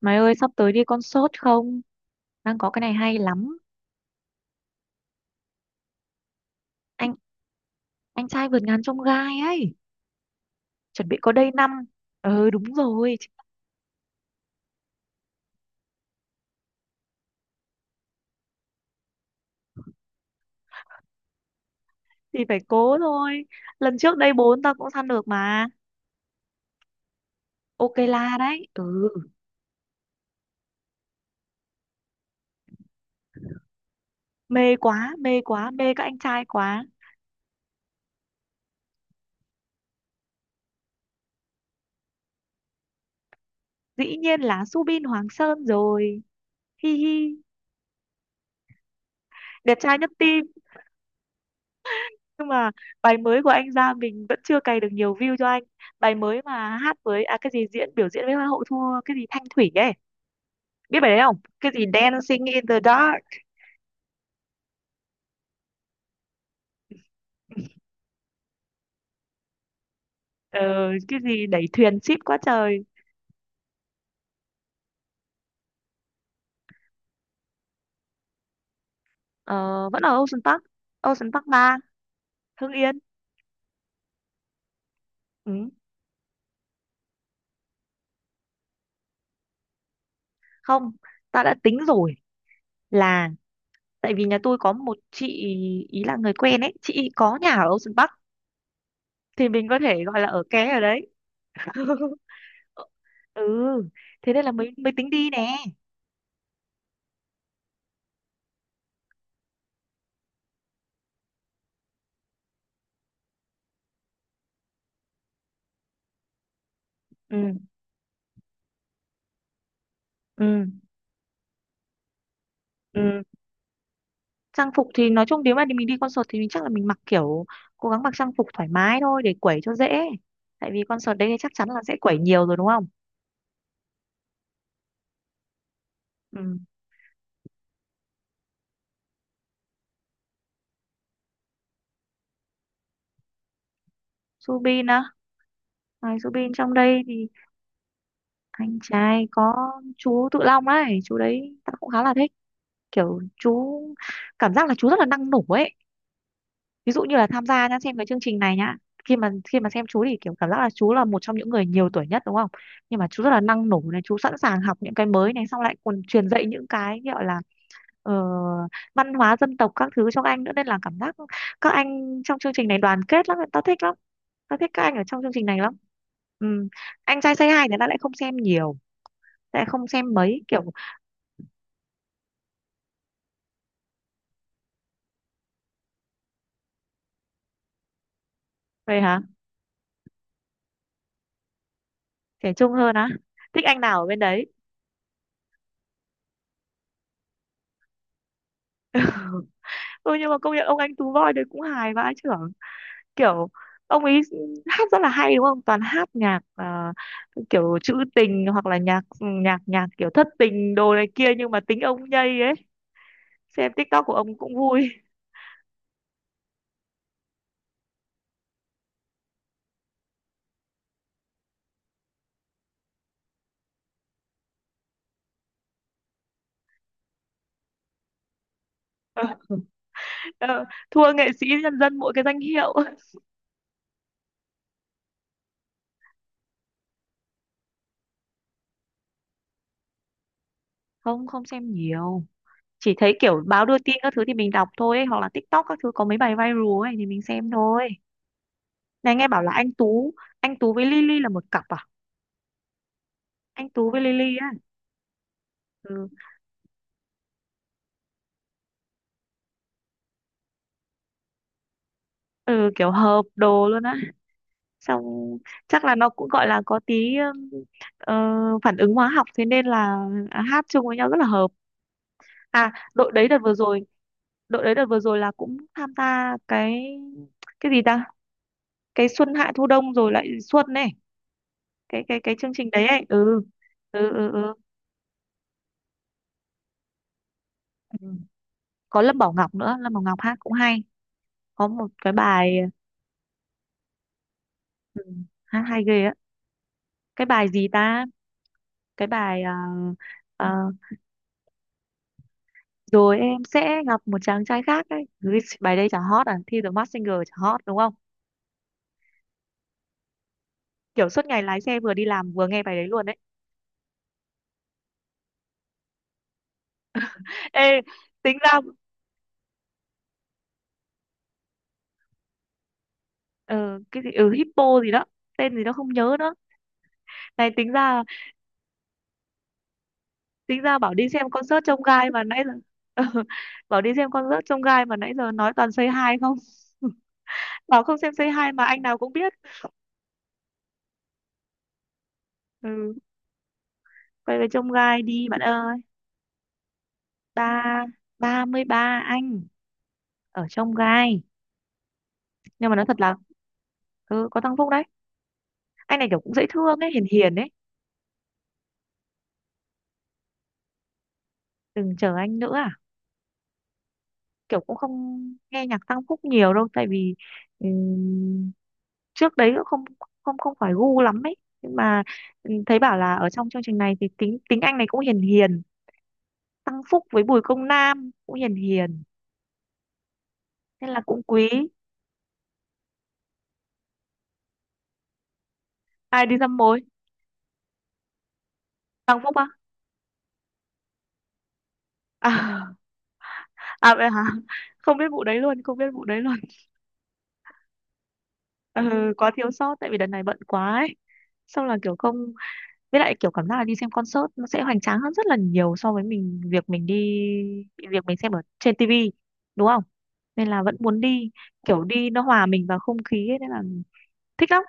Mày ơi sắp tới đi concert không? Đang có cái này hay lắm. Anh anh trai vượt ngàn chông gai ấy, chuẩn bị có đây năm. Ừ, đúng rồi, thì phải cố thôi. Lần trước đây 4 tao cũng săn được mà. Ok la đấy. Ừ, mê quá, mê quá, mê các anh trai quá. Dĩ nhiên là Subin Hoàng Sơn rồi. Hi hi, đẹp trai nhất team. Nhưng mà bài mới của anh ra mình vẫn chưa cày được nhiều view cho anh. Bài mới mà hát với cái gì diễn biểu diễn với Hoa hậu thua cái gì Thanh Thủy ấy, biết bài đấy không, cái gì Dancing in the Dark. ờ, cái gì đẩy thuyền ship quá trời. ờ, Vẫn ở Ocean Park, Ocean Park 3, Hưng Yên. Ừ. Không, ta đã tính rồi, là tại vì nhà tôi có một chị ý, là người quen ấy, chị ý có nhà ở Ocean Park thì mình có thể gọi là ở ké ở đấy. Ừ, thế nên là mới mới tính đi nè. Ừ, ừ, ừ, trang phục thì nói chung nếu mà mình đi concert thì mình chắc là mình mặc kiểu cố gắng mặc trang phục thoải mái thôi để quẩy cho dễ, tại vì concert đấy thì chắc chắn là sẽ quẩy nhiều rồi đúng không. Ừ. Subin á, ngoài Subin trong đây thì anh trai có chú Tự Long ấy, chú đấy ta cũng khá là thích, kiểu chú, cảm giác là chú rất là năng nổ ấy, ví dụ như là tham gia nhá, xem cái chương trình này nhá, khi mà xem chú thì kiểu cảm giác là chú là một trong những người nhiều tuổi nhất đúng không, nhưng mà chú rất là năng nổ này, chú sẵn sàng học những cái mới này, xong lại còn truyền dạy những cái gọi là ờ, văn hóa dân tộc các thứ cho các anh nữa, nên là cảm giác các anh trong chương trình này đoàn kết lắm, tao thích lắm, tao thích các anh ở trong chương trình này lắm. Ừ. Anh trai Say Hi thì tao lại không xem nhiều, tao lại không xem mấy kiểu. Vậy hả? Trẻ trung hơn á, thích anh nào ở bên đấy? Ừ, nhưng mà công nhận ông anh Tú Voi đấy cũng hài vãi chưởng, kiểu ông ấy hát rất là hay đúng không, toàn hát nhạc kiểu trữ tình hoặc là nhạc nhạc nhạc kiểu thất tình đồ này kia nhưng mà tính ông nhây ấy, xem TikTok của ông cũng vui. Ờ, thua nghệ sĩ nhân dân mỗi cái danh hiệu. Không, không xem nhiều, chỉ thấy kiểu báo đưa tin các thứ thì mình đọc thôi ấy, hoặc là TikTok các thứ có mấy bài viral ấy thì mình xem thôi. Này nghe bảo là anh Tú, anh Tú với Lily là một cặp à? Anh Tú với Lily á? Ừ. Ừ, kiểu hợp đồ luôn á, xong chắc là nó cũng gọi là có tí ờ, phản ứng hóa học, thế nên là hát chung với nhau rất là hợp. À, đội đấy đợt vừa rồi, đội đấy đợt vừa rồi là cũng tham gia cái gì ta, cái xuân hạ thu đông rồi lại xuân này, cái chương trình đấy ấy. Ừ, ừ, ừ, ừ. ừ. Có Lâm Bảo Ngọc nữa, Lâm Bảo Ngọc hát cũng hay, có một cái bài, ừ, hát hay ghê á, cái bài gì ta, cái bài ờ, rồi em sẽ gặp một chàng trai khác ấy. Ui, bài đây chả hot à, thi The Masked Singer chả hot đúng không, kiểu suốt ngày lái xe vừa đi làm vừa nghe bài đấy luôn đấy. Ê, tính ra ờ, cái gì, ừ, Hippo gì đó, tên gì đó không nhớ nữa. Này tính ra, tính ra bảo đi xem concert trông gai mà nãy giờ. Bảo đi xem concert trông gai mà nãy giờ nói toàn Say Hi không. Bảo không xem Say Hi mà anh nào cũng biết. Ừ, quay về trông gai đi bạn ơi. Ba ba mươi ba anh ở trông gai, nhưng mà nói thật là ừ, có thăng Phúc đấy, anh này kiểu cũng dễ thương ấy, hiền hiền ấy. Đừng chờ anh nữa à? Kiểu cũng không nghe nhạc Tăng Phúc nhiều đâu, tại vì ừ, trước đấy cũng không, không không phải gu lắm ấy, nhưng mà ừ, thấy bảo là ở trong chương trình này thì tính tính anh này cũng hiền hiền, Tăng Phúc với Bùi Công Nam cũng hiền hiền nên là cũng quý. Ai đi dăm mối? Tăng Phúc á? À, à vậy hả, không biết vụ đấy luôn, không biết vụ đấy luôn. Ừ, quá thiếu sót tại vì đợt này bận quá ấy, xong là kiểu không, với lại kiểu cảm giác là đi xem concert nó sẽ hoành tráng hơn rất là nhiều so với mình, việc mình xem ở trên tivi đúng không, nên là vẫn muốn đi, kiểu đi nó hòa mình vào không khí ấy, nên là thích lắm.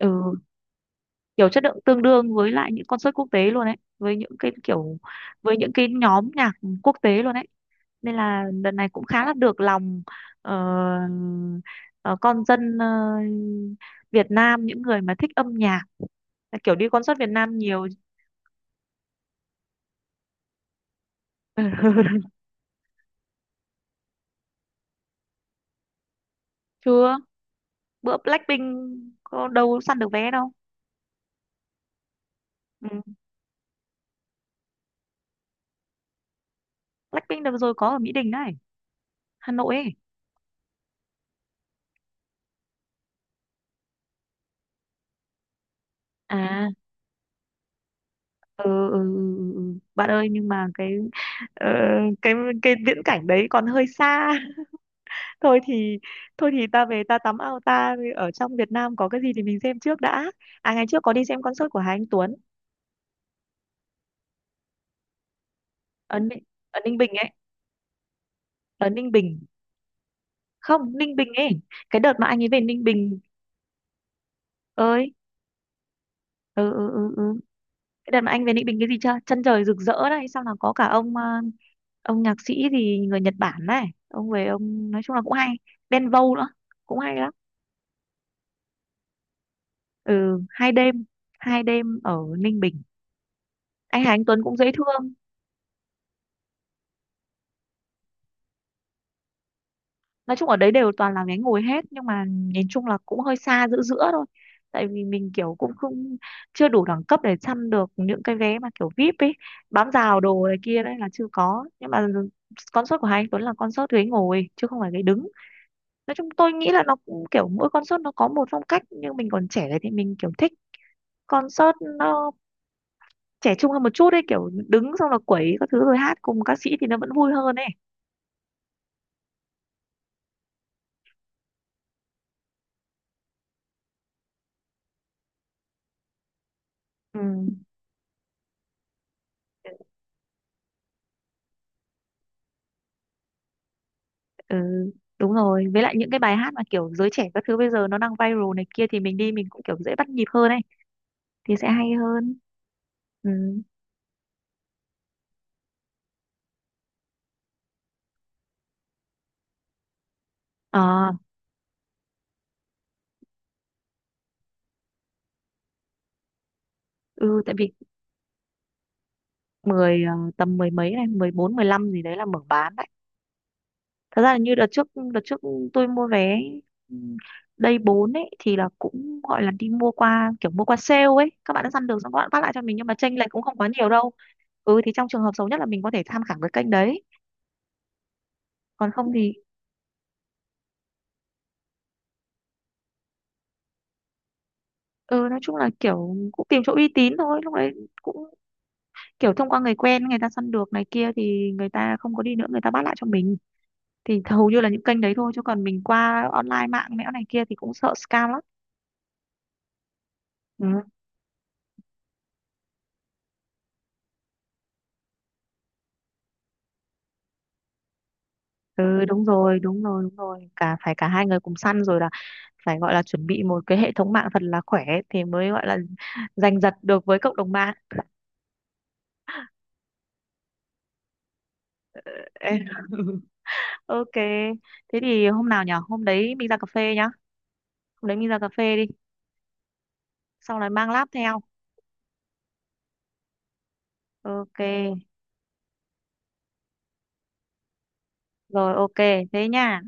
Ừ, kiểu chất lượng tương đương với lại những concert quốc tế luôn ấy, với những cái kiểu, với những cái nhóm nhạc quốc tế luôn ấy, nên là lần này cũng khá là được lòng ờ, ờ, con dân Việt Nam, những người mà thích âm nhạc, kiểu đi concert Việt Nam nhiều. Chưa, bữa Blackpink có đâu săn được vé đâu. Ừ. Blackpink đợt vừa rồi có ở Mỹ Đình này, Hà Nội ấy. À, ừ, ừ, ừ, ừ. Ừ. Bạn ơi nhưng mà cái ờ, cái cái viễn cảnh đấy còn hơi xa. Thôi thì, thôi thì ta về ta tắm ao ta, ở trong Việt Nam có cái gì thì mình xem trước đã. À, ngày trước có đi xem concert của Hà Anh Tuấn ở Ninh, ở Ninh Bình ấy, ở Ninh Bình, không, Ninh Bình ấy, cái đợt mà anh ấy về Ninh Bình ơi. Ừ, ừ, ừ, ừ. Cái đợt mà anh về Ninh Bình cái gì chưa? Chân trời rực rỡ này, xong là có cả ông ông nhạc sĩ gì người Nhật Bản này, ông về ông nói chung là cũng hay. Đen Vâu nữa, cũng hay lắm. Ừ, 2 đêm, hai đêm ở Ninh Bình. Anh Hà Anh Tuấn cũng dễ thương. Nói chung ở đấy đều toàn là ghé ngồi hết nhưng mà nhìn chung là cũng hơi xa, giữa giữa thôi. Tại vì mình kiểu cũng không, chưa đủ đẳng cấp để săn được những cái vé mà kiểu VIP ấy, bám rào đồ này kia đấy là chưa có. Nhưng mà concert của Hà Anh Tuấn là concert ghế ngồi chứ không phải ghế đứng, nói chung tôi nghĩ là nó cũng kiểu mỗi concert nó có một phong cách, nhưng mình còn trẻ này thì mình kiểu thích concert nó trẻ trung hơn một chút ấy, kiểu đứng xong là quẩy các thứ rồi hát cùng ca sĩ thì nó vẫn vui hơn ấy. Ừ. Ừ, đúng rồi, với lại những cái bài hát mà kiểu giới trẻ các thứ bây giờ nó đang viral này kia thì mình đi mình cũng kiểu dễ bắt nhịp hơn ấy, thì sẽ hay hơn. Ừ. Ờ, ừ, tại vì mười tầm mười mấy này, 14 15 gì đấy là mở bán, thật ra là như đợt trước, đợt trước tôi mua vé ừ, đây 4 ấy thì là cũng gọi là đi mua qua kiểu mua qua sale ấy, các bạn đã săn được xong các bạn phát lại cho mình nhưng mà chênh lệch cũng không quá nhiều đâu. Ừ, thì trong trường hợp xấu nhất là mình có thể tham khảo cái kênh đấy, còn không thì ừ, nói chung là kiểu cũng tìm chỗ uy tín thôi lúc đấy, cũng kiểu thông qua người quen, người ta săn được này kia thì người ta không có đi nữa, người ta bắt lại cho mình thì hầu như là những kênh đấy thôi, chứ còn mình qua online mạng mẽo này kia thì cũng sợ scam lắm. Ừ. Ừ, đúng rồi, đúng rồi, đúng rồi. Phải cả hai người cùng săn rồi là phải gọi là chuẩn bị một cái hệ thống mạng thật là khỏe thì mới gọi là giành giật được với cộng đồng mạng. Ê, ok. Thế thì hôm nào nhở? Hôm đấy mình ra cà phê nhá. Hôm đấy mình ra cà phê đi. Xong rồi mang láp theo. Ok. Rồi ok, thế nha.